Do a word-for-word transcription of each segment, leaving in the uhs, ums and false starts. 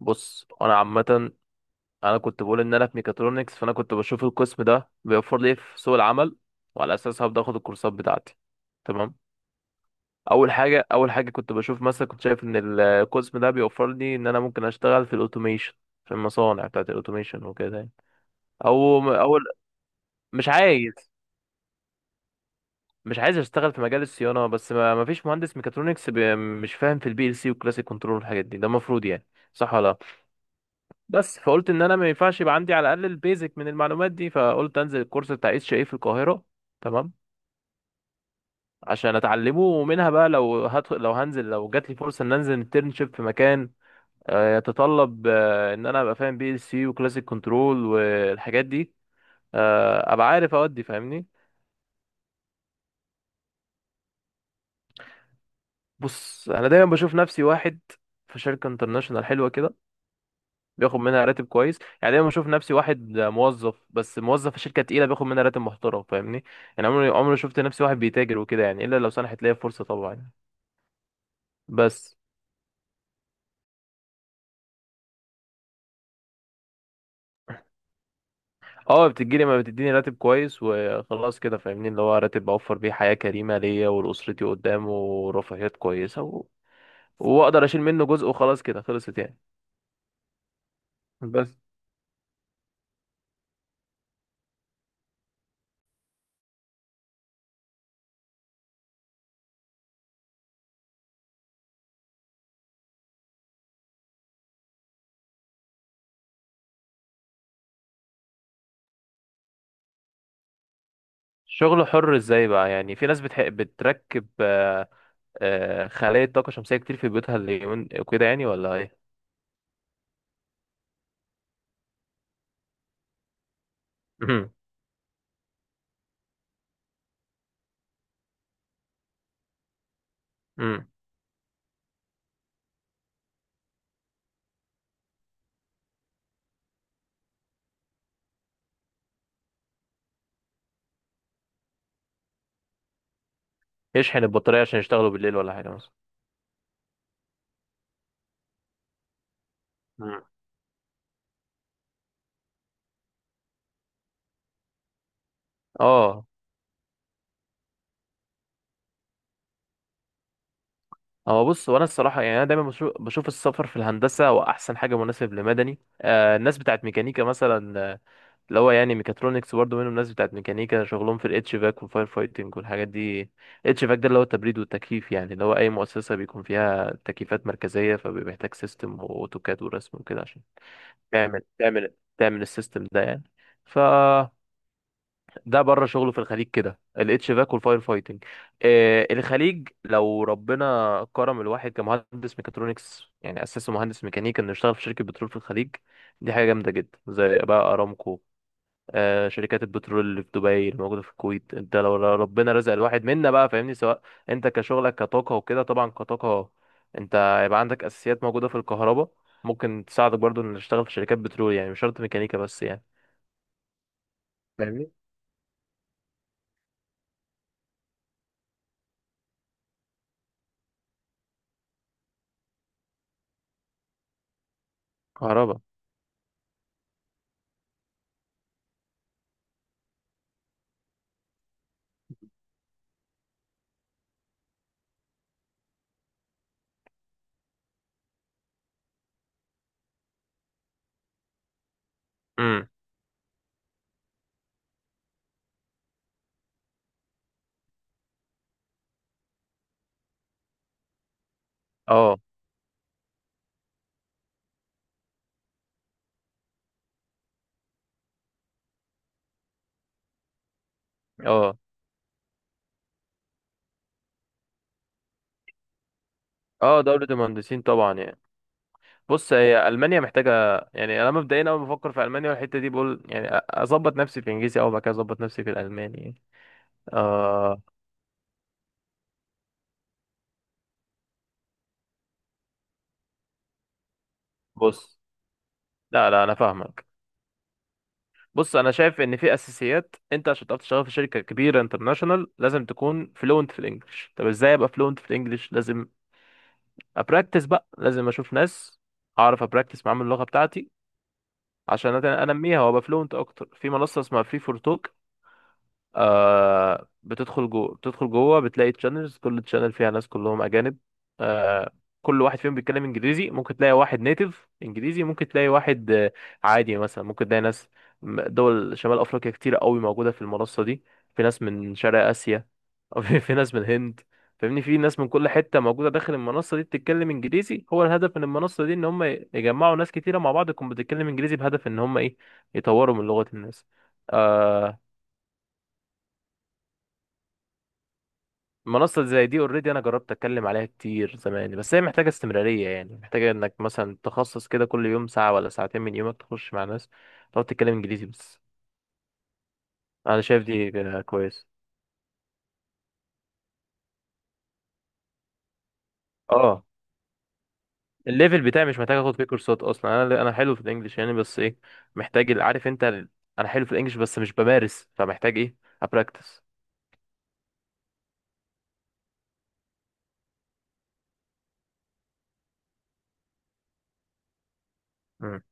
بص انا عامه. انا كنت بقول ان انا في ميكاترونكس، فانا كنت بشوف القسم ده بيوفر لي إيه في سوق العمل، وعلى اساسها هبدا اخد الكورسات بتاعتي. تمام. اول حاجه اول حاجه كنت بشوف، مثلا كنت شايف ان القسم ده بيوفر لي ان انا ممكن اشتغل في الاوتوميشن، في المصانع بتاعت الاوتوميشن وكده يعني. او او، مش عايز مش عايز اشتغل في مجال الصيانه، بس ما ما فيش مهندس ميكاترونكس بي- مش فاهم في البي ال سي والكلاسيك كنترول والحاجات دي، ده المفروض يعني، صح ولا لأ؟ بس فقلت ان انا ما ينفعش يبقى عندي على الاقل البيزك من المعلومات دي، فقلت انزل الكورس بتاع اتش اي في القاهره. تمام، عشان اتعلمه، ومنها بقى لو هدخل، لو هنزل، لو جات لي فرصه ان انزل انترنشيب في مكان آه، يتطلب آه، ان انا ابقى فاهم بي ال سي وكلاسيك كنترول والحاجات دي، آه، ابقى عارف. اودي فاهمني. بص انا دايما بشوف نفسي واحد في شركه انترناشونال حلوه كده، بياخد منها راتب كويس. يعني دايما بشوف نفسي واحد موظف، بس موظف في شركه تقيله بياخد منها راتب محترم، فاهمني؟ يعني عمري عمري ما شفت نفسي واحد بيتاجر وكده يعني، الا لو سنحت ليا فرصه طبعا. بس. اه، بتجيلي ما بتديني راتب كويس وخلاص كده، فاهمني، اللي هو راتب اوفر بيه حياه كريمه ليا ولاسرتي قدام، ورفاهيات كويسه، و... واقدر اشيل منه جزء، وخلاص كده خلصت يعني. بس. شغل حر ازاي بقى يعني؟ في ناس بتحق بتركب آه، آه، خلايا طاقه شمسيه كتير في بيوتها اليومين وكده يعني، ولا ايه؟ يشحن البطارية عشان يشتغلوا بالليل ولا حاجة مثلا. مم. اه. هو بص، وانا الصراحه يعني انا دايما بشوف بشوف السفر في الهندسه، واحسن حاجه مناسب لمدني. آه الناس بتاعت ميكانيكا مثلا، آه، اللي هو يعني ميكاترونكس برضه منهم، الناس بتاعت ميكانيكا شغلهم في الاتش فاك والفاير فايتنج والحاجات دي. اتش فاك ده اللي هو التبريد والتكييف، يعني اللي هو اي مؤسسه بيكون فيها تكييفات مركزيه فبيبقى محتاج سيستم واوتوكاد ورسم وكده، عشان تعمل تعمل تعمل السيستم ده يعني. ف ده بره شغله في الخليج كده، الاتش فاك والفاير فايتنج. آه الخليج، لو ربنا كرم الواحد كمهندس ميكاترونكس، يعني اساسه مهندس ميكانيكا، انه يشتغل في شركه بترول في الخليج، دي حاجه جامده جدا، زي بقى ارامكو. آه شركات البترول اللي في دبي، اللي موجوده في الكويت. انت لو لو ربنا رزق الواحد منا بقى، فاهمني، سواء انت كشغلك كطاقه وكده، طبعا كطاقه انت يبقى عندك اساسيات موجوده في الكهرباء، ممكن تساعدك برضو انك تشتغل في شركات بترول، يعني مش شرط ميكانيكا بس يعني، فاهمني. كهرباء. امم. اه، اه، اه، دولة المهندسين طبعا يعني. بص، هي ألمانيا محتاجة، يعني أنا مبدئيا أول ما بفكر في ألمانيا والحتة دي بقول يعني أ- أظبط نفسي في الإنجليزي أول، ما كده أظبط نفسي في الألماني يعني. آه. بص، لا، لا، أنا فاهمك. بص، أنا شايف إن في أساسيات، أنت عشان تعرف تشتغل في شركة كبيرة انترناشونال لازم تكون فلوينت في الإنجليش. طب إزاي أبقى فلوينت في الإنجليش؟ لازم أبراكتس بقى، لازم أشوف ناس أعرف أبراكتس معاهم اللغة بتاعتي عشان أت- أنميها وأبقى فلوينت أكتر. في منصة اسمها فري فور توك، آه بتدخل جوه بتدخل جوه بتلاقي تشانلز، كل تشانل فيها ناس كلهم اجانب. آه كل واحد فيهم بيتكلم انجليزي، ممكن تلاقي واحد نيتيف انجليزي، ممكن تلاقي واحد آه، عادي، يعني مثلا ممكن تلاقي ناس م- دول شمال افريقيا كتير قوي موجوده في المنصه دي، في ناس من شرق اسيا، أو في في ناس من الهند. فاهمني، في ناس من كل حته موجوده داخل المنصه دي بتتكلم انجليزي. هو الهدف من المنصه دي ان هم يجمعوا ناس كتيره مع بعض تكون بتتكلم انجليزي، بهدف ان هم ايه، يطوروا من لغه الناس آه، منصة زي دي اوريدي انا جربت اتكلم عليها كتير زمان، بس هي محتاجة استمرارية، يعني محتاجة انك مثلا تخصص كده كل يوم ساعة ولا ساعتين من يومك تخش مع ناس تقعد تتكلم انجليزي بس. انا شايف دي كده كويس. اه. الليفل بتاعي مش محتاج اخد فيه كورسات اصلا، انا انا حلو في الانجليش يعني، بس ايه، محتاج ال- عارف انت ال- انا حلو في الانجليش بس مش بمارس، فمحتاج ايه، ابراكتس. امم.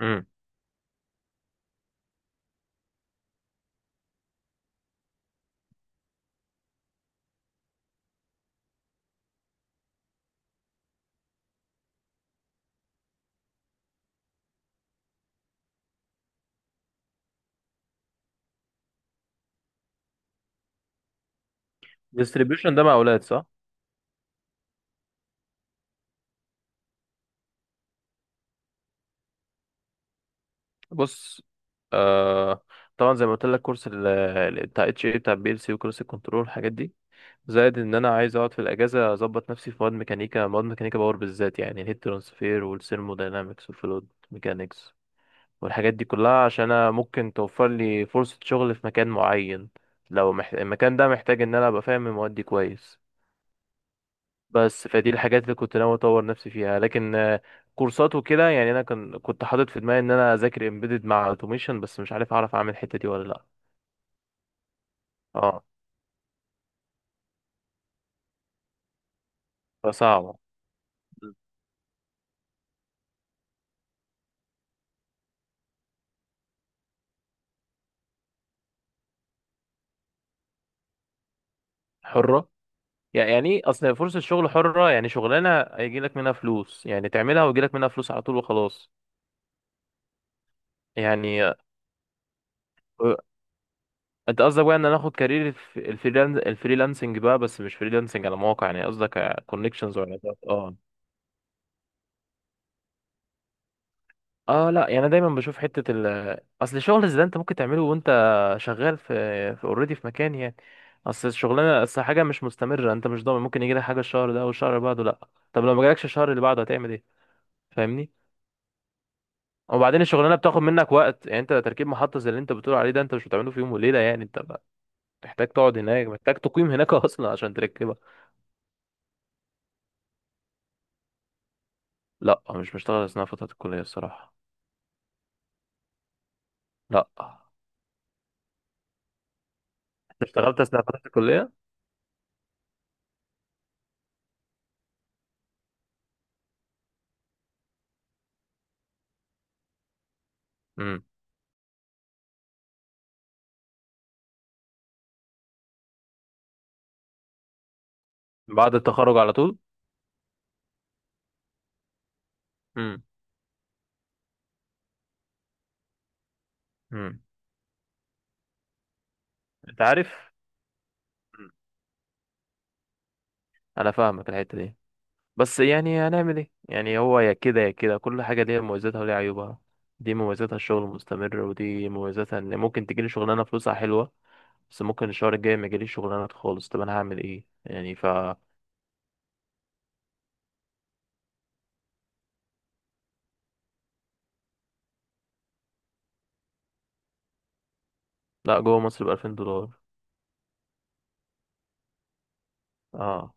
امم ديستريبيوشن ده مع اولاد، صح؟ بص. آه طبعا زي ما قلت لك كورس ال- ال- بتاع اتش اي، بتاع بي ال سي، وكورس الكنترول، الحاجات دي، زائد ان انا عايز اقعد في الاجازه اظبط نفسي في مواد ميكانيكا، مواد ميكانيكا باور بالذات، يعني الهيت ترانسفير والثيرموداينامكس والفلويد ميكانيكس والحاجات دي كلها، عشان انا ممكن توفر لي فرصه شغل في مكان معين، لو مح... المكان ده محتاج ان انا ابقى فاهم المواد دي كويس. بس فدي الحاجات اللي كنت ناوي اطور نفسي فيها. لكن آه، كورسات وكده يعني، انا كان كنت حاطط في دماغي ان انا اذاكر امبيدد مع اوتوميشن، بس مش عارف اعرف اعمل الحته دي ولا لا. اه، فصعبه. حره، يعني يعني ايه، اصل فرصة الشغل حرة يعني شغلانة هيجي لك منها فلوس، يعني تعملها ويجي لك منها فلوس على طول وخلاص. يعني آه، انت قصدك بقى ان انا اخد كارير الف- الفريلانس الفريلانسنج بقى، بس مش فريلانسنج على مواقع، يعني قصدك كونكشنز وعلاقات. اه. اه، لا، يعني أنا دايما بشوف حتة ال اصل الشغل زي ده انت ممكن تعمله وانت شغال في في اوريدي في مكان يعني. اصل الشغلانة، اصل حاجة مش مستمرة، انت مش ضامن، ممكن يجي لك حاجة الشهر ده والشهر اللي بعده لا. طب لو ما جالكش الشهر اللي بعده هتعمل ايه؟ فاهمني. وبعدين الشغلانه بتاخد منك وقت، يعني انت تركيب محطه زي اللي انت بتقول عليه ده انت مش بتعمله في يوم وليله يعني، انت بقى محتاج تقعد هناك، محتاج تقيم هناك اصلا عشان تركبها. لا، مش بشتغل اثناء فتره الكليه الصراحه. لا. انت اشتغلت اثناء فتره الكليه. امم. بعد التخرج على طول. امم. امم انت عارف. مم. انا فاهمك الحته دي، بس يعني هنعمل ايه يعني، هو يا كده يا كده، كل حاجه ليها مميزاتها وليها عيوبها. دي مميزاتها الشغل المستمر، ودي مميزاتها ان ممكن تجيلي شغلانه فلوسها حلوه، بس ممكن الشهر الجاي ما يجيليش شغلانات خالص، طب انا هعمل ايه يعني؟ ف لا، جوه مصر ب ألفين دولار. اه.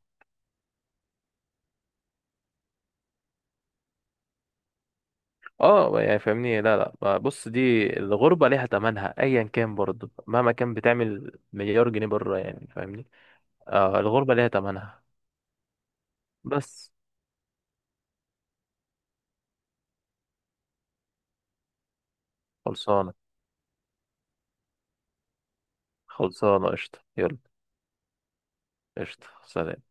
اه، يعني فاهمني، لا، لا، ما- بص، دي الغربة ليها تمنها ايا كان برضه، مهما كان بتعمل مليار جنيه بره يعني، فاهمني. آه الغربة ليها تمنها. بس. خلصانة، خلصانة، قشطة، يلا. قشطة، سلام.